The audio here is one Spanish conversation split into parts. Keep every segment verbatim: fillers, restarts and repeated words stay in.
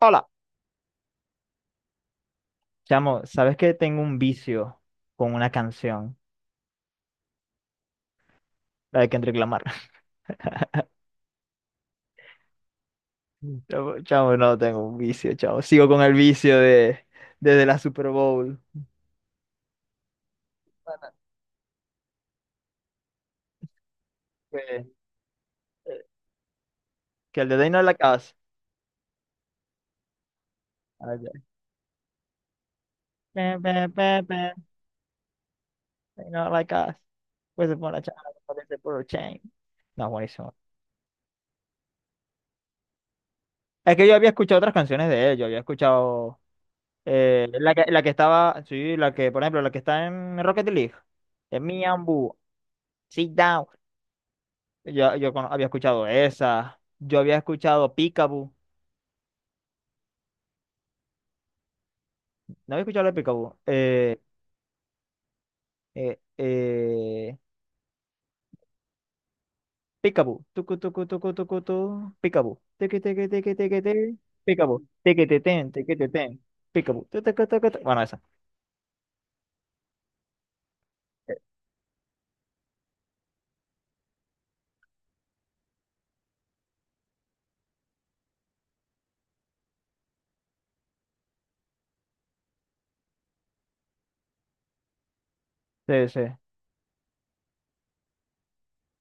Hola. Chamo, ¿sabes que tengo un vicio con una canción? La de Kendrick Lamar. Chamo, chamo, no tengo un vicio, chamo. Sigo con el vicio de desde la Super Bowl. Que, que el de They Not Like Us. Ah, ya. Ba, ba, ba, ba, They Not Like Us. Pues se pone a chamo, parece puro chain. No, buenísimo. Es que yo había escuchado otras canciones de él. Yo había escuchado eh, la que, la que estaba, sí, la que, por ejemplo, la que está en Rocket League. Es Me and Boo. Sit down. Yo, yo cono- había escuchado esa. Yo había escuchado Peekaboo. ¿No había escuchado la de Peekaboo? Eh, eh, eh, Peekaboo. Tucu, tucu, tucu, tucu, tu. Peekaboo. Teque, teque, teque, teque, te. Peekaboo. Teque, te, ten, teque, te, ten. Peekaboo. Tu, tucu, tucu, tu, tu. Bueno, esa. eh, Sí, sí.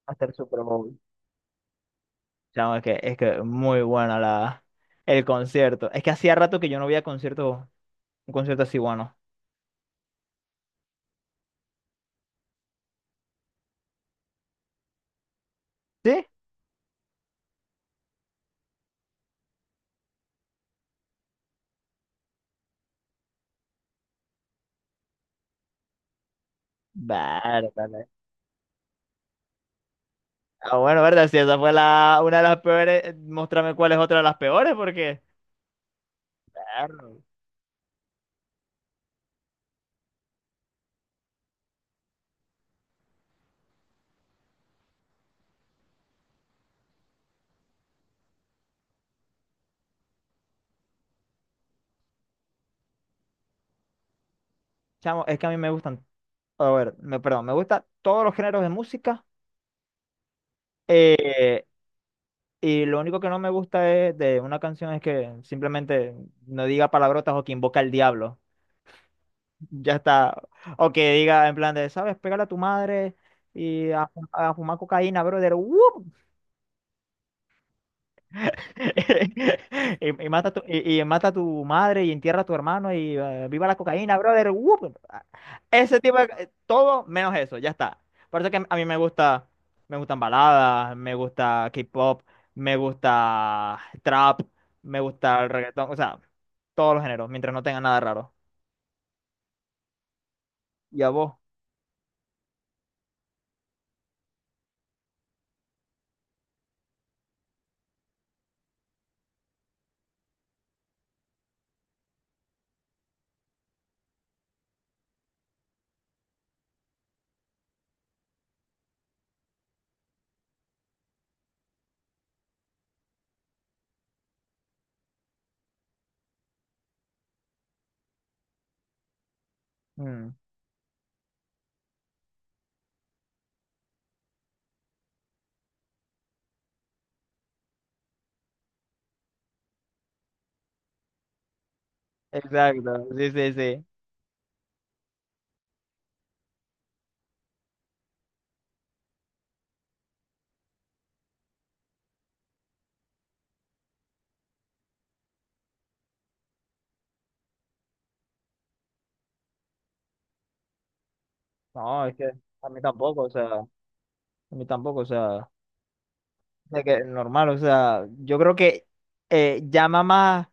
Hasta el Super Bowl. Chamo, es que, es que muy buena la, el concierto. Es que hacía rato que yo no veía concierto, un concierto así bueno. ¿Sí? Vale, vale. Ah, bueno, verdad, si esa fue la, una de las peores, eh, muéstrame cuál es otra de las peores, porque... Perro. Chamo, es que a mí me gustan, a ver, me, perdón, me gustan todos los géneros de música, eh, y lo único que no me gusta es de una canción es que simplemente no diga palabrotas o que invoca al diablo, ya está, o que diga en plan de, ¿sabes? Pégale a tu madre y a, fu- a fumar cocaína, brother. ¡Wup! Y, y mata a tu, y, y mata a tu madre y entierra a tu hermano y eh, viva la cocaína, brother. ¡Wup! Ese tipo de, eh, todo menos eso, ya está. Por eso que a mí me gusta, me gustan baladas, me gusta K-pop, me gusta trap, me gusta el reggaetón, o sea, todos los géneros, mientras no tenga nada raro. ¿Y a vos? Mm, exacto, sí, sí, sí. No, es que a mí tampoco, o sea, a mí tampoco, o sea. De que normal, o sea, yo creo que eh, llama más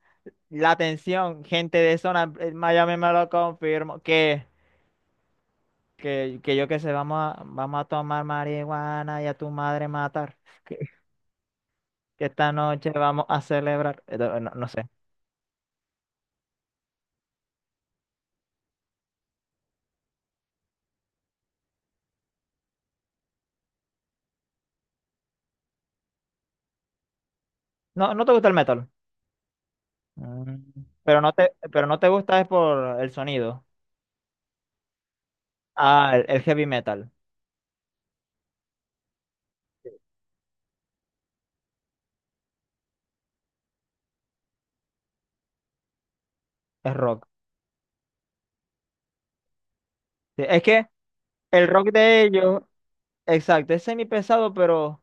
la atención gente de zona, eh, Miami me lo confirmo, que, que, que yo que sé, vamos a, vamos a tomar marihuana y a tu madre matar, que, que esta noche vamos a celebrar. Eh, No, no no sé. No, no te gusta el metal. Mm. Pero no te, pero no te gusta es por el sonido. Ah, el, el heavy metal. Es rock. Sí, es que el rock de ellos, exacto, es semi pesado, pero...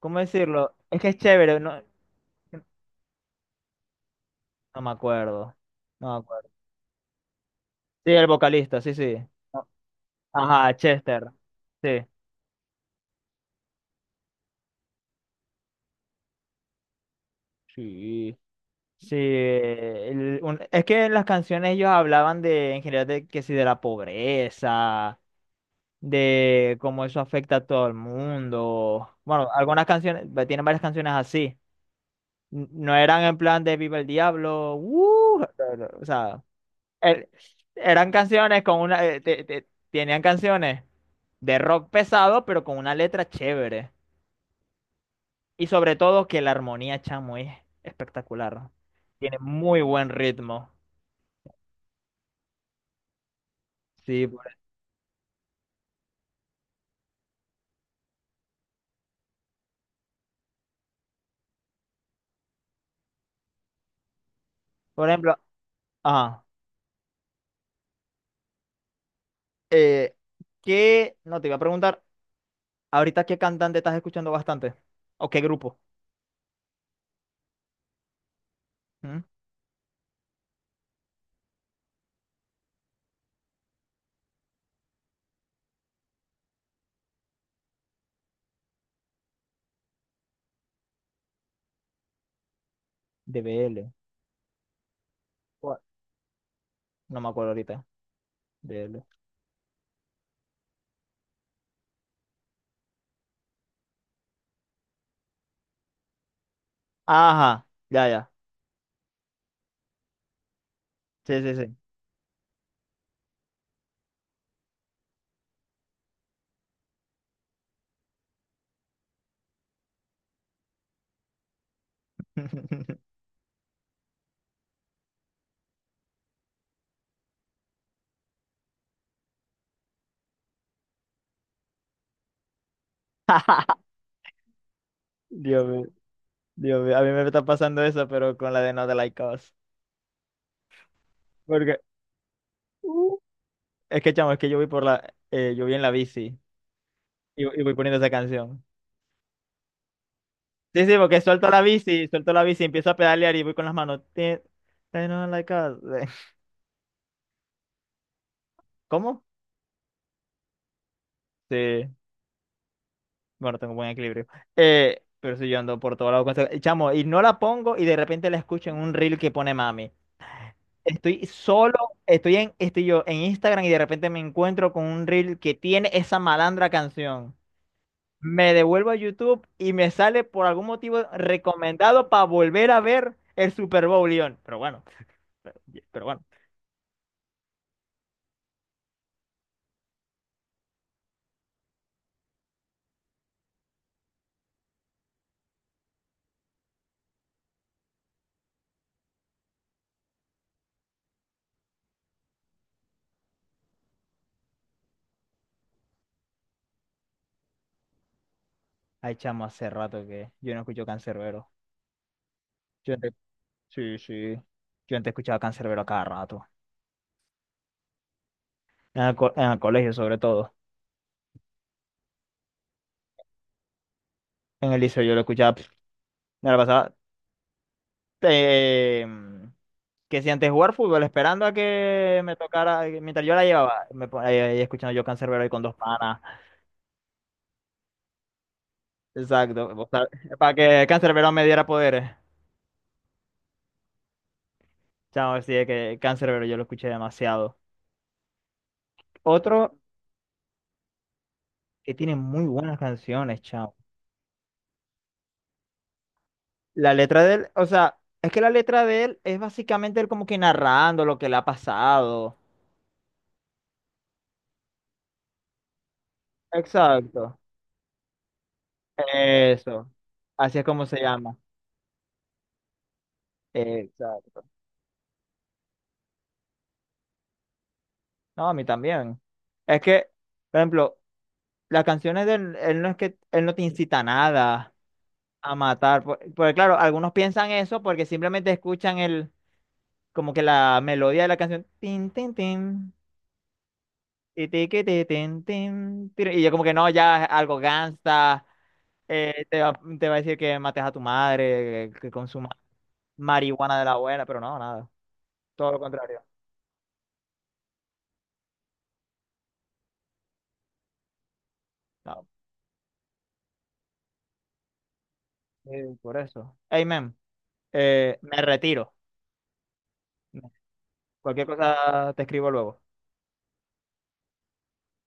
¿Cómo decirlo? Es que es chévere, ¿no? No me acuerdo. No me acuerdo. Sí, el vocalista, sí, sí. No. Ajá, Chester. Sí. Sí. Sí. El- un- es que en las canciones ellos hablaban de, en general, de que sí, de la pobreza, de cómo eso afecta a todo el mundo. Bueno, algunas canciones, va- tienen varias canciones así. N- No eran en plan de Viva el Diablo, ¡uh! No, no, o sea, er- eran canciones con una, eh, te- te- tenían canciones de rock pesado, pero con una letra chévere. Y sobre todo que la armonía, chamo, es espectacular. Tiene muy buen ritmo. Sí, por, e, por ejemplo, ah, eh, ¿qué, no te iba a preguntar ahorita qué cantante estás escuchando bastante? ¿O qué grupo? ¿Mm? De B L. ¿Cuál? No me acuerdo ahorita. B L. Ajá, ya, ya. Sí, sí, sí. Dios mío. Dios mío, a mí me está pasando eso, pero con la de No de Like Us. Porque, uh, es que, chamo, es que yo voy por la, eh, yo voy en la bici y, y voy poniendo esa canción. Sí, sí, porque suelto la bici, suelto la bici, empiezo a pedalear y voy con las manos. Ti- They Don't Like Us. ¿Cómo? Sí, bueno, tengo buen equilibrio. Eh, pero si yo ando por todo lado con esa- Chamo, y no la pongo y de repente la escucho en un reel que pone mami. Estoy solo, estoy en, estoy yo en Instagram y de repente me encuentro con un reel que tiene esa malandra canción. Me devuelvo a YouTube y me sale por algún motivo recomendado para volver a ver el Super Bowl León. Pero bueno, pero, pero bueno. Ay, chamo, hace rato que yo no escucho Canserbero. Yo antes, sí, sí. Yo antes escuchaba Canserbero a cada rato. En el, co- en el colegio, sobre todo. En el liceo yo lo escuchaba. pf, Me la pasaba. eh, mm, que si antes jugar fútbol, esperando a que me tocara, eh, mientras yo la llevaba, me ponía ahí ahí escuchando yo Canserbero ahí con dos panas. Exacto. Para que Canserbero me diera poderes. Chao, sí, es que pero yo lo escuché demasiado. Otro que tiene muy buenas canciones, chao. La letra de él, o sea, es que la letra de él es básicamente él como que narrando lo que le ha pasado. Exacto. Eso. Así es como se llama. Exacto. No, a mí también. Es que, por ejemplo, las canciones de él, él no es que él no te incita a nada a matar. por- Porque, claro, algunos piensan eso porque simplemente escuchan el, como que la melodía de la canción. Tin, tin, tin. Y te que te ten, ten. Y yo como que no, ya algo gangsta, eh, te va, te va a decir que mates a tu madre, que, que consuma marihuana de la buena, pero no, nada, todo lo contrario. No, eh, por eso. Amen. Eh, me retiro. Cualquier cosa te escribo luego.